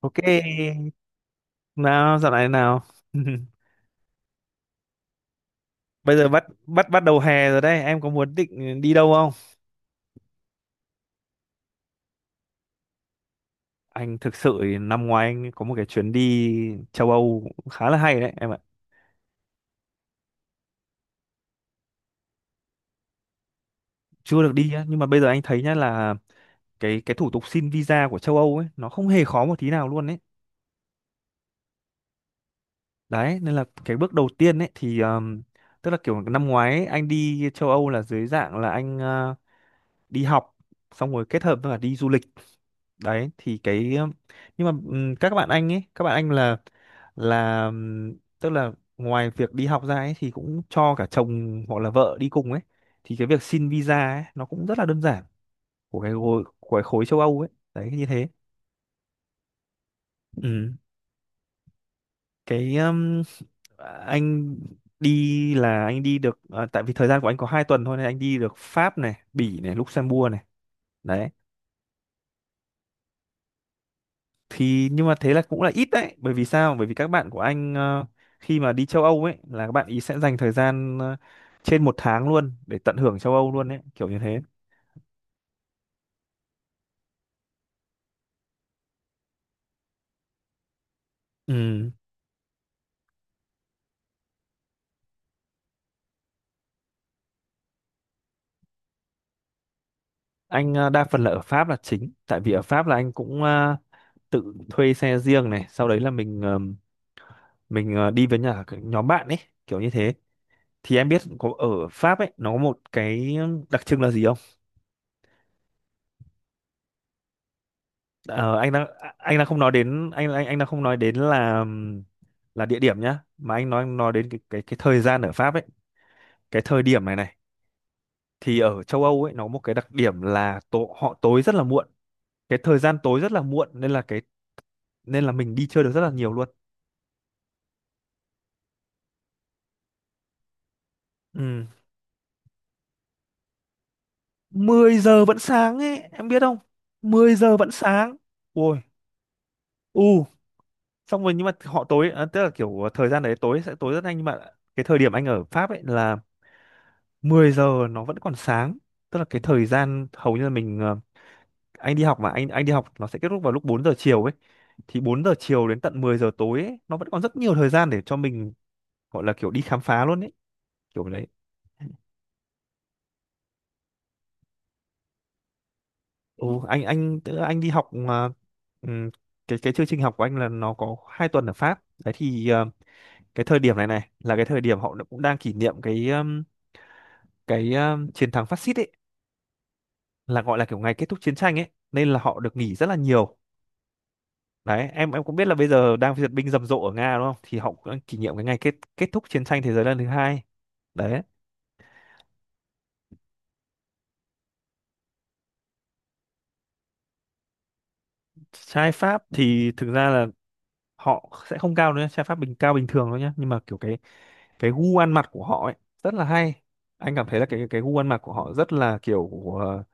Ok, nào dạo này nào. Bây giờ bắt bắt bắt đầu hè rồi đấy, em có muốn định đi đâu không? Anh thực sự thì năm ngoái anh có một cái chuyến đi châu Âu cũng khá là hay đấy em ạ. Chưa được đi á, nhưng mà bây giờ anh thấy nhá là cái thủ tục xin visa của châu Âu ấy nó không hề khó một tí nào luôn đấy. Đấy, nên là cái bước đầu tiên ấy thì tức là kiểu năm ngoái ấy, anh đi châu Âu là dưới dạng là anh đi học xong rồi kết hợp với cả đi du lịch đấy thì cái nhưng mà các bạn anh ấy các bạn anh là tức là ngoài việc đi học ra ấy thì cũng cho cả chồng hoặc là vợ đi cùng ấy thì cái việc xin visa ấy nó cũng rất là đơn giản của cái khối châu Âu ấy đấy như thế. Ừm, cái anh đi là anh đi được à, tại vì thời gian của anh có 2 tuần thôi nên anh đi được Pháp này, Bỉ này, Luxembourg này đấy thì nhưng mà thế là cũng là ít đấy. Bởi vì sao? Bởi vì các bạn của anh khi mà đi châu Âu ấy là các bạn ý sẽ dành thời gian trên 1 tháng luôn để tận hưởng châu Âu luôn ấy, kiểu như thế. Ừ. anh đa phần là ở Pháp là chính, tại vì ở Pháp là anh cũng tự thuê xe riêng này, sau đấy là mình đi với nhà nhóm bạn ấy, kiểu như thế. Thì em biết có ở Pháp ấy nó có một cái đặc trưng là gì không? Ờ, anh đang anh đang không nói đến anh đang không nói đến là địa điểm nhá, mà anh nói đến cái thời gian ở Pháp ấy, cái thời điểm này này. Thì ở châu Âu ấy nó có một cái đặc điểm là họ tối rất là muộn, cái thời gian tối rất là muộn nên là cái nên là mình đi chơi được rất là nhiều luôn. Ừ. Mười giờ vẫn sáng ấy em biết không? Mười giờ vẫn sáng. Ôi, u, xong rồi nhưng mà họ tối à, tức là kiểu thời gian đấy tối sẽ tối rất nhanh, nhưng mà cái thời điểm anh ở Pháp ấy là 10 giờ nó vẫn còn sáng, tức là cái thời gian hầu như là anh đi học mà anh đi học nó sẽ kết thúc vào lúc 4 giờ chiều ấy, thì 4 giờ chiều đến tận 10 giờ tối ấy, nó vẫn còn rất nhiều thời gian để cho mình gọi là kiểu đi khám phá luôn ấy, kiểu đấy. Ừ, anh tức là anh đi học mà ừm, cái chương trình học của anh là nó có 2 tuần ở Pháp đấy thì cái thời điểm này này là cái thời điểm họ cũng đang kỷ niệm cái chiến thắng phát xít ấy, là gọi là kiểu ngày kết thúc chiến tranh ấy nên là họ được nghỉ rất là nhiều. Đấy, em cũng biết là bây giờ đang duyệt binh rầm rộ ở Nga đúng không? Thì họ cũng kỷ niệm cái ngày kết kết thúc chiến tranh thế giới lần thứ hai. Đấy. Trai Pháp thì thực ra là họ sẽ không cao nữa, trai Pháp cao bình thường thôi nhá, nhưng mà kiểu cái gu ăn mặc của họ ấy rất là hay. Anh cảm thấy là cái gu ăn mặc của họ rất là kiểu ờ,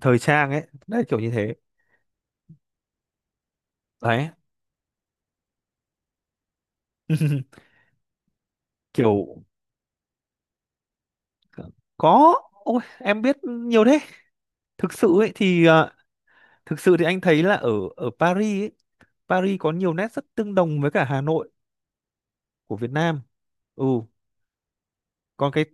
thời trang ấy, đấy kiểu như thế. Đấy. Kiểu có ôi em biết nhiều thế. Thực sự ấy thì thực sự thì anh thấy là ở ở Paris ấy, Paris có nhiều nét rất tương đồng với cả Hà Nội của Việt Nam. Ừ, còn cái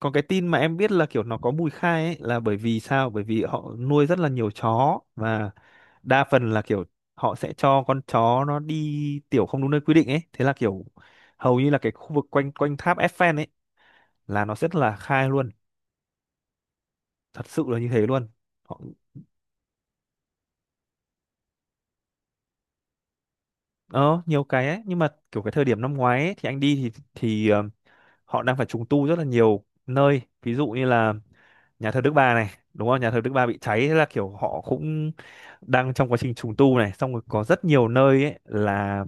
còn cái tin mà em biết là kiểu nó có mùi khai ấy là bởi vì sao? Bởi vì họ nuôi rất là nhiều chó và đa phần là kiểu họ sẽ cho con chó nó đi tiểu không đúng nơi quy định ấy. Thế là kiểu hầu như là cái khu vực quanh quanh tháp Eiffel ấy là nó rất là khai luôn, thật sự là như thế luôn. Họ ờ nhiều cái ấy, nhưng mà kiểu cái thời điểm năm ngoái ấy, thì anh đi thì họ đang phải trùng tu rất là nhiều nơi, ví dụ như là nhà thờ Đức Bà này đúng không? Nhà thờ Đức Bà bị cháy, thế là kiểu họ cũng đang trong quá trình trùng tu này, xong rồi có rất nhiều nơi ấy là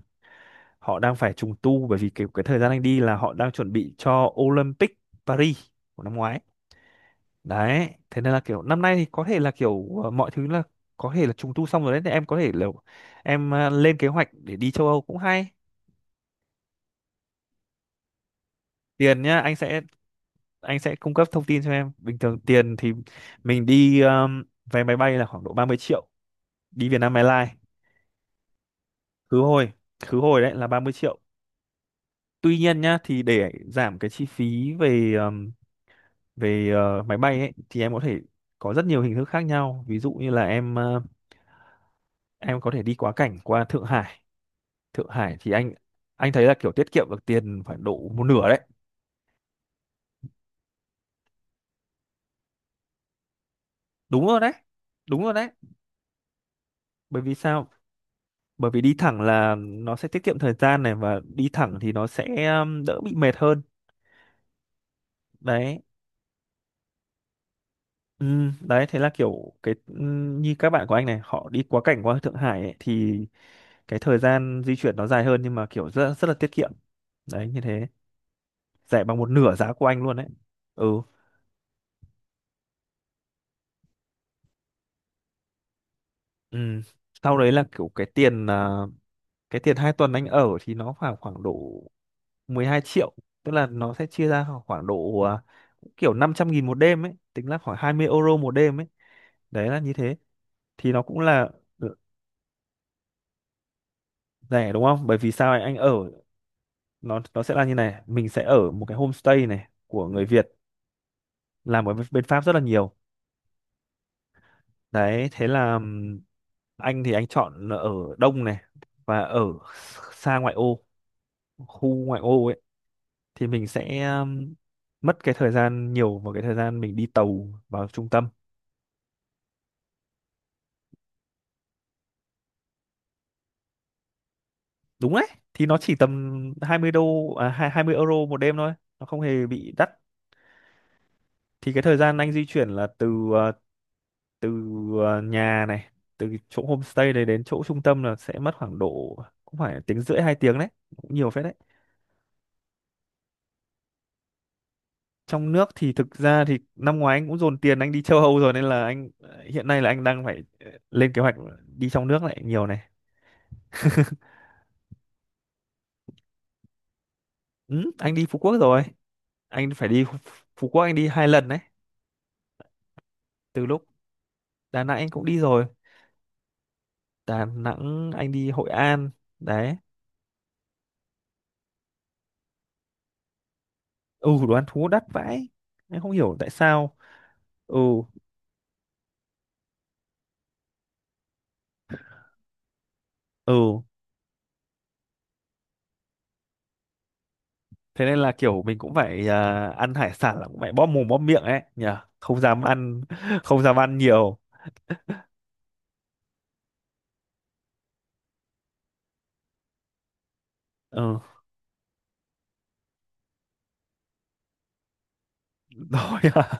họ đang phải trùng tu bởi vì cái thời gian anh đi là họ đang chuẩn bị cho Olympic Paris của năm ngoái đấy. Thế nên là kiểu năm nay thì có thể là kiểu mọi thứ là có thể là trùng tu xong rồi đấy. Thì em có thể là em lên kế hoạch để đi châu Âu cũng hay. Tiền nhá, anh sẽ cung cấp thông tin cho em. Bình thường tiền thì mình đi vé máy bay là khoảng độ 30 triệu, đi Vietnam Airlines khứ hồi. Khứ hồi đấy là 30 triệu, tuy nhiên nhá, thì để giảm cái chi phí về về ờ, máy bay ấy thì em có thể có rất nhiều hình thức khác nhau, ví dụ như là em có thể đi quá cảnh qua Thượng Hải. Thượng Hải thì anh thấy là kiểu tiết kiệm được tiền phải độ một nửa đấy. Đúng rồi đấy. Đúng rồi đấy. Bởi vì sao? Bởi vì đi thẳng là nó sẽ tiết kiệm thời gian này, và đi thẳng thì nó sẽ đỡ bị mệt hơn. Đấy, ừ, đấy thế là kiểu cái như các bạn của anh này họ đi quá cảnh qua Thượng Hải ấy, thì cái thời gian di chuyển nó dài hơn nhưng mà kiểu rất rất là tiết kiệm. Đấy như thế, rẻ bằng một nửa giá của anh luôn đấy. Ừ. Ừ. Sau đấy là kiểu cái tiền 2 tuần anh ở thì nó khoảng khoảng độ 12 triệu, tức là nó sẽ chia ra khoảng khoảng độ à, kiểu 500 nghìn một đêm ấy, tính là khoảng 20 euro một đêm ấy. Đấy là như thế, thì nó cũng là rẻ đúng không? Bởi vì sao? Anh ở nó sẽ là như này, mình sẽ ở một cái homestay này của người Việt làm ở bên Pháp rất là nhiều. Đấy thế là anh thì anh chọn là ở đông này và ở xa ngoại ô, khu ngoại ô ấy, thì mình sẽ mất cái thời gian nhiều vào cái thời gian mình đi tàu vào trung tâm. Đúng đấy, thì nó chỉ tầm 20 đô à, 20 euro một đêm thôi, nó không hề bị đắt. Thì cái thời gian anh di chuyển là từ nhà này, từ cái chỗ homestay đấy đến chỗ trung tâm là sẽ mất khoảng độ cũng phải tiếng rưỡi hai tiếng đấy, cũng nhiều phết đấy. Trong nước thì thực ra thì năm ngoái anh cũng dồn tiền anh đi châu Âu rồi, nên là anh hiện nay là anh đang phải lên kế hoạch đi trong nước lại nhiều này. Ừ, anh đi Phú Quốc rồi. Anh phải đi, Phú Quốc anh đi hai lần đấy. Từ lúc Đà Nẵng anh cũng đi rồi, Đà Nẵng anh đi Hội An đấy. Ừ, đồ ăn thú đắt vãi, anh không hiểu tại sao. Ừ. Ừ, thế nên là kiểu mình cũng phải à, ăn hải sản là cũng phải bóp mồm bóp miệng ấy nhỉ, không dám ăn không dám ăn nhiều. Ừ rồi à.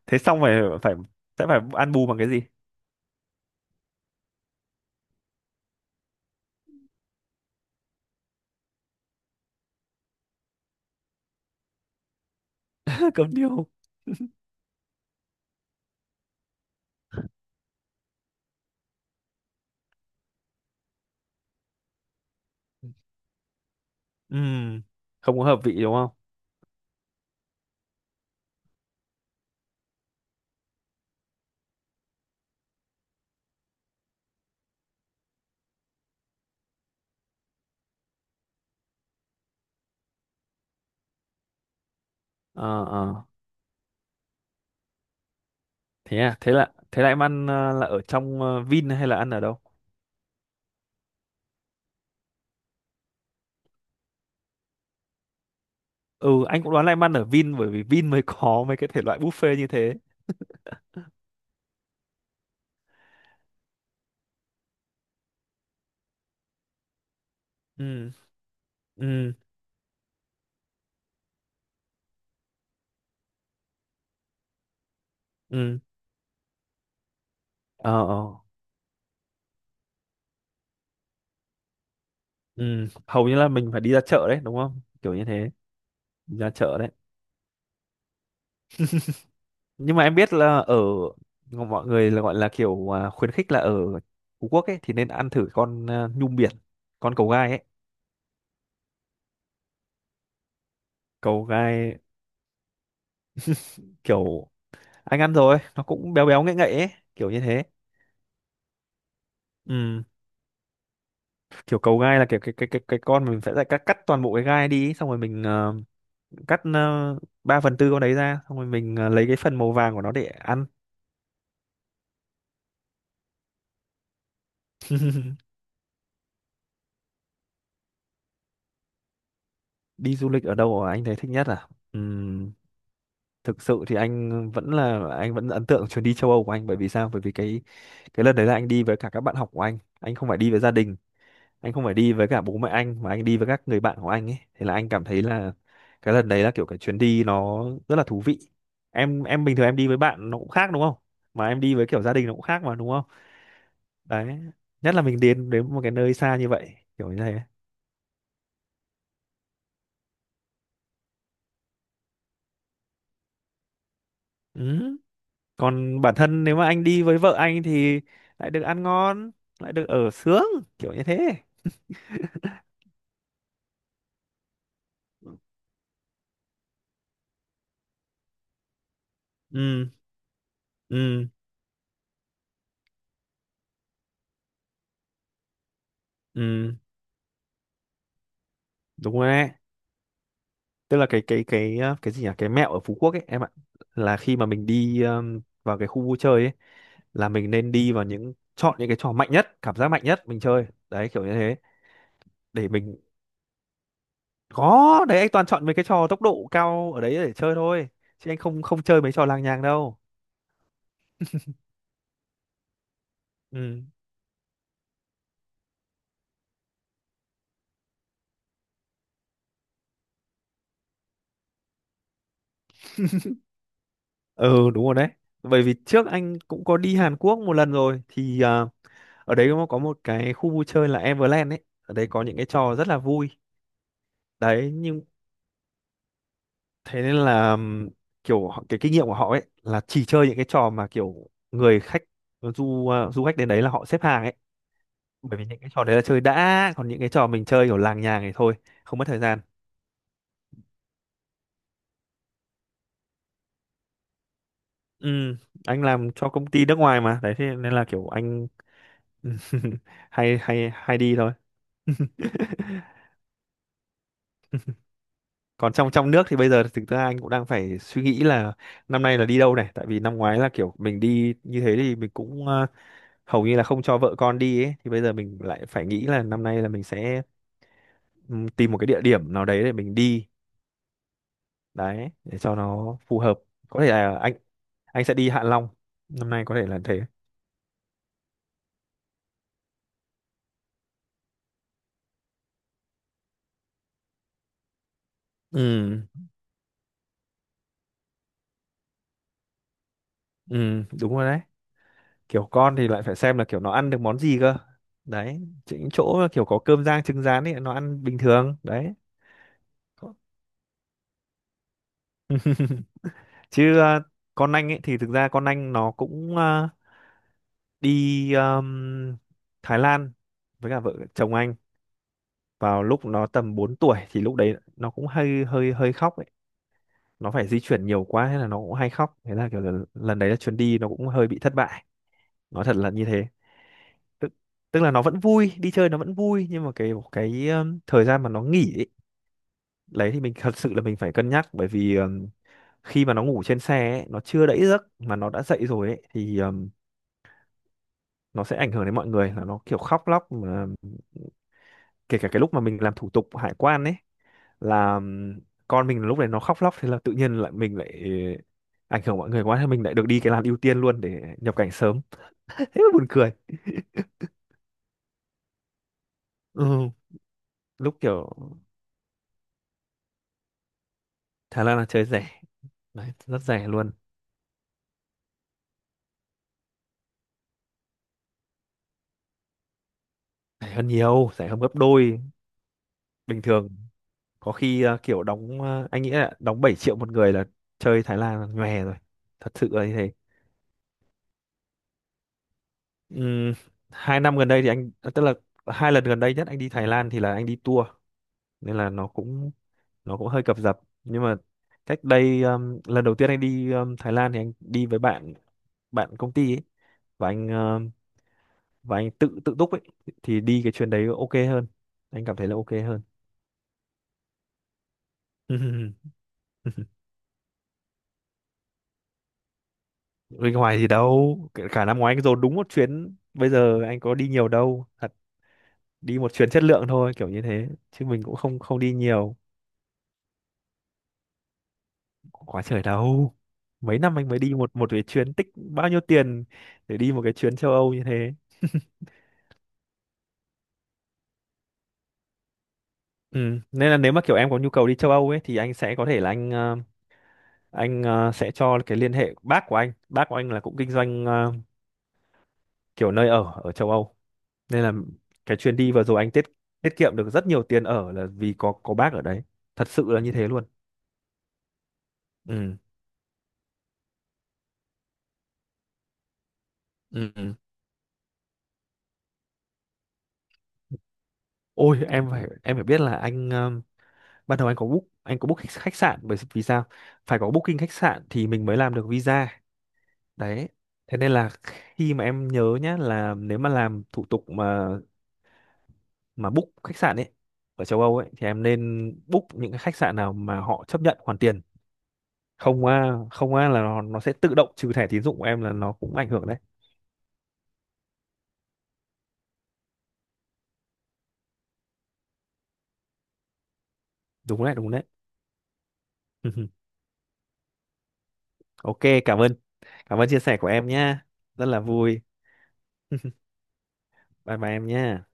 Thế xong phải phải sẽ phải ăn bù bằng cái gì. Cơm điêu. Ừm, Không có hợp vị đúng không? ờ ờ Thế là em ăn là ở trong Vin hay là ăn ở đâu? Ừ, anh cũng đoán là em ăn ở Vin bởi vì Vin mới có mấy cái thể loại buffet như thế. ừ ừ ừ ờ ờ ừ, hầu như là mình phải đi ra chợ đấy đúng không, kiểu như thế. Đi ra chợ đấy. Nhưng mà em biết là ở, mọi người là gọi là kiểu khuyến khích là ở Phú Quốc ấy thì nên ăn thử con nhum biển, con cầu gai ấy. Cầu gai kiểu anh ăn rồi nó cũng béo béo ngậy ngậy ấy, kiểu như thế. Ừ, kiểu cầu gai là kiểu cái con mình sẽ lại cắt cắt toàn bộ cái gai đi xong rồi mình cắt 3 phần tư con đấy ra xong rồi mình lấy cái phần màu vàng của nó để ăn. Đi du lịch ở đâu mà anh thấy thích nhất à? Thực sự thì anh vẫn ấn tượng chuyến đi châu Âu của anh, bởi vì sao, bởi vì cái lần đấy là anh đi với cả các bạn học của anh không phải đi với gia đình, anh không phải đi với cả bố mẹ anh mà anh đi với các người bạn của anh ấy, thế là anh cảm thấy là cái lần đấy là kiểu cái chuyến đi nó rất là thú vị. Em bình thường em đi với bạn nó cũng khác đúng không, mà em đi với kiểu gia đình nó cũng khác mà đúng không. Đấy, nhất là mình đến đến một cái nơi xa như vậy kiểu như thế. Ừ. Còn bản thân nếu mà anh đi với vợ anh thì lại được ăn ngon, lại được ở sướng, kiểu như thế. ừ ừ ừ, đúng rồi đấy. Tức là cái cái gì nhỉ, cái mẹo ở Phú Quốc ấy em ạ, là khi mà mình đi vào cái khu vui chơi ấy là mình nên đi vào chọn những cái trò mạnh nhất, cảm giác mạnh nhất mình chơi đấy, kiểu như thế. Để mình, có đấy, anh toàn chọn mấy cái trò tốc độ cao ở đấy để chơi thôi, chứ anh không không chơi mấy trò làng nhàng đâu. ừ ừ đúng rồi đấy. Bởi vì trước anh cũng có đi Hàn Quốc một lần rồi thì ở đấy nó có một cái khu vui chơi là Everland ấy, ở đấy có những cái trò rất là vui. Đấy nhưng thế nên là kiểu cái kinh nghiệm của họ ấy là chỉ chơi những cái trò mà kiểu người khách du khách đến đấy là họ xếp hàng ấy, bởi vì những cái trò đấy là chơi đã, còn những cái trò mình chơi kiểu làng nhàng này thôi, không mất thời gian. Ừ, anh làm cho công ty nước ngoài mà đấy, thế nên là kiểu anh hay hay hay đi thôi. Còn trong trong nước thì bây giờ thực ra anh cũng đang phải suy nghĩ là năm nay là đi đâu này, tại vì năm ngoái là kiểu mình đi như thế thì mình cũng hầu như là không cho vợ con đi ấy, thì bây giờ mình lại phải nghĩ là năm nay là mình sẽ tìm một cái địa điểm nào đấy để mình đi, đấy để cho nó phù hợp. Có thể là anh sẽ đi Hạ Long, năm nay có thể là thế. ừ ừ đúng rồi đấy. Kiểu con thì lại phải xem là kiểu nó ăn được món gì cơ, đấy, những chỗ mà kiểu có cơm rang trứng rán ấy nó ăn bình thường đấy. Có- chứ con anh ấy thì thực ra con anh nó cũng đi Thái Lan với cả vợ chồng anh vào lúc nó tầm 4 tuổi, thì lúc đấy nó cũng hơi hơi hơi khóc ấy, nó phải di chuyển nhiều quá hay là nó cũng hay khóc, thế là kiểu là lần đấy là chuyến đi nó cũng hơi bị thất bại, nói thật là như thế. tức, Tức là nó vẫn vui đi chơi, nó vẫn vui, nhưng mà cái thời gian mà nó nghỉ đấy thì mình thật sự là mình phải cân nhắc, bởi vì khi mà nó ngủ trên xe ấy, nó chưa đẫy giấc mà nó đã dậy rồi ấy, thì nó sẽ ảnh hưởng đến mọi người, là nó kiểu khóc lóc mà kể cả cái lúc mà mình làm thủ tục hải quan ấy, là con mình lúc này nó khóc lóc, thế là tự nhiên lại mình lại ảnh hưởng mọi người quá, thế mình lại được đi cái làn ưu tiên luôn để nhập cảnh sớm. Thế mà buồn cười. ừ, lúc kiểu Thái Lan là chơi rẻ đấy, rất rẻ luôn. Rẻ hơn nhiều, rẻ hơn gấp đôi bình thường. Có khi kiểu đóng anh nghĩ là đóng 7 triệu một người là chơi Thái Lan là nhòe rồi, thật sự là như thế. Ừm, Hai năm gần đây thì anh tức là hai lần gần đây nhất anh đi Thái Lan thì là anh đi tour, nên là nó cũng hơi cập dập. Nhưng mà cách đây lần đầu tiên anh đi Thái Lan thì anh đi với bạn, bạn công ty ấy, và anh tự tự túc ấy, thì đi cái chuyến đấy ok hơn, anh cảm thấy là ok hơn. Bên ngoài thì đâu, cả cả năm ngoái anh dồn đúng một chuyến, bây giờ anh có đi nhiều đâu, thật, đi một chuyến chất lượng thôi kiểu như thế, chứ mình cũng không không đi nhiều. Quá trời đâu, mấy năm anh mới đi một một cái chuyến, tích bao nhiêu tiền để đi một cái chuyến châu Âu như thế. Ừ, nên là nếu mà kiểu em có nhu cầu đi châu Âu ấy thì anh sẽ có thể là anh sẽ cho cái liên hệ bác của anh, bác của anh là cũng kinh doanh kiểu nơi ở ở châu Âu, nên là cái chuyến đi vừa rồi anh tiết tiết kiệm được rất nhiều tiền ở, là vì có bác ở đấy, thật sự là như thế luôn. ừ ừ. Ôi em phải biết là anh ban đầu anh có book khách khách sạn, bởi vì sao, phải có booking khách sạn thì mình mới làm được visa. Đấy, thế nên là khi mà em nhớ nhá, là nếu mà làm thủ tục mà book khách sạn ấy ở châu Âu ấy, thì em nên book những cái khách sạn nào mà họ chấp nhận hoàn tiền. Không á, không á là nó sẽ tự động trừ thẻ tín dụng của em, là nó cũng ảnh hưởng đấy. Đúng đấy, đúng đấy. Ok, cảm ơn, cảm ơn chia sẻ của em nhá, rất là vui. Bye bye em nhá.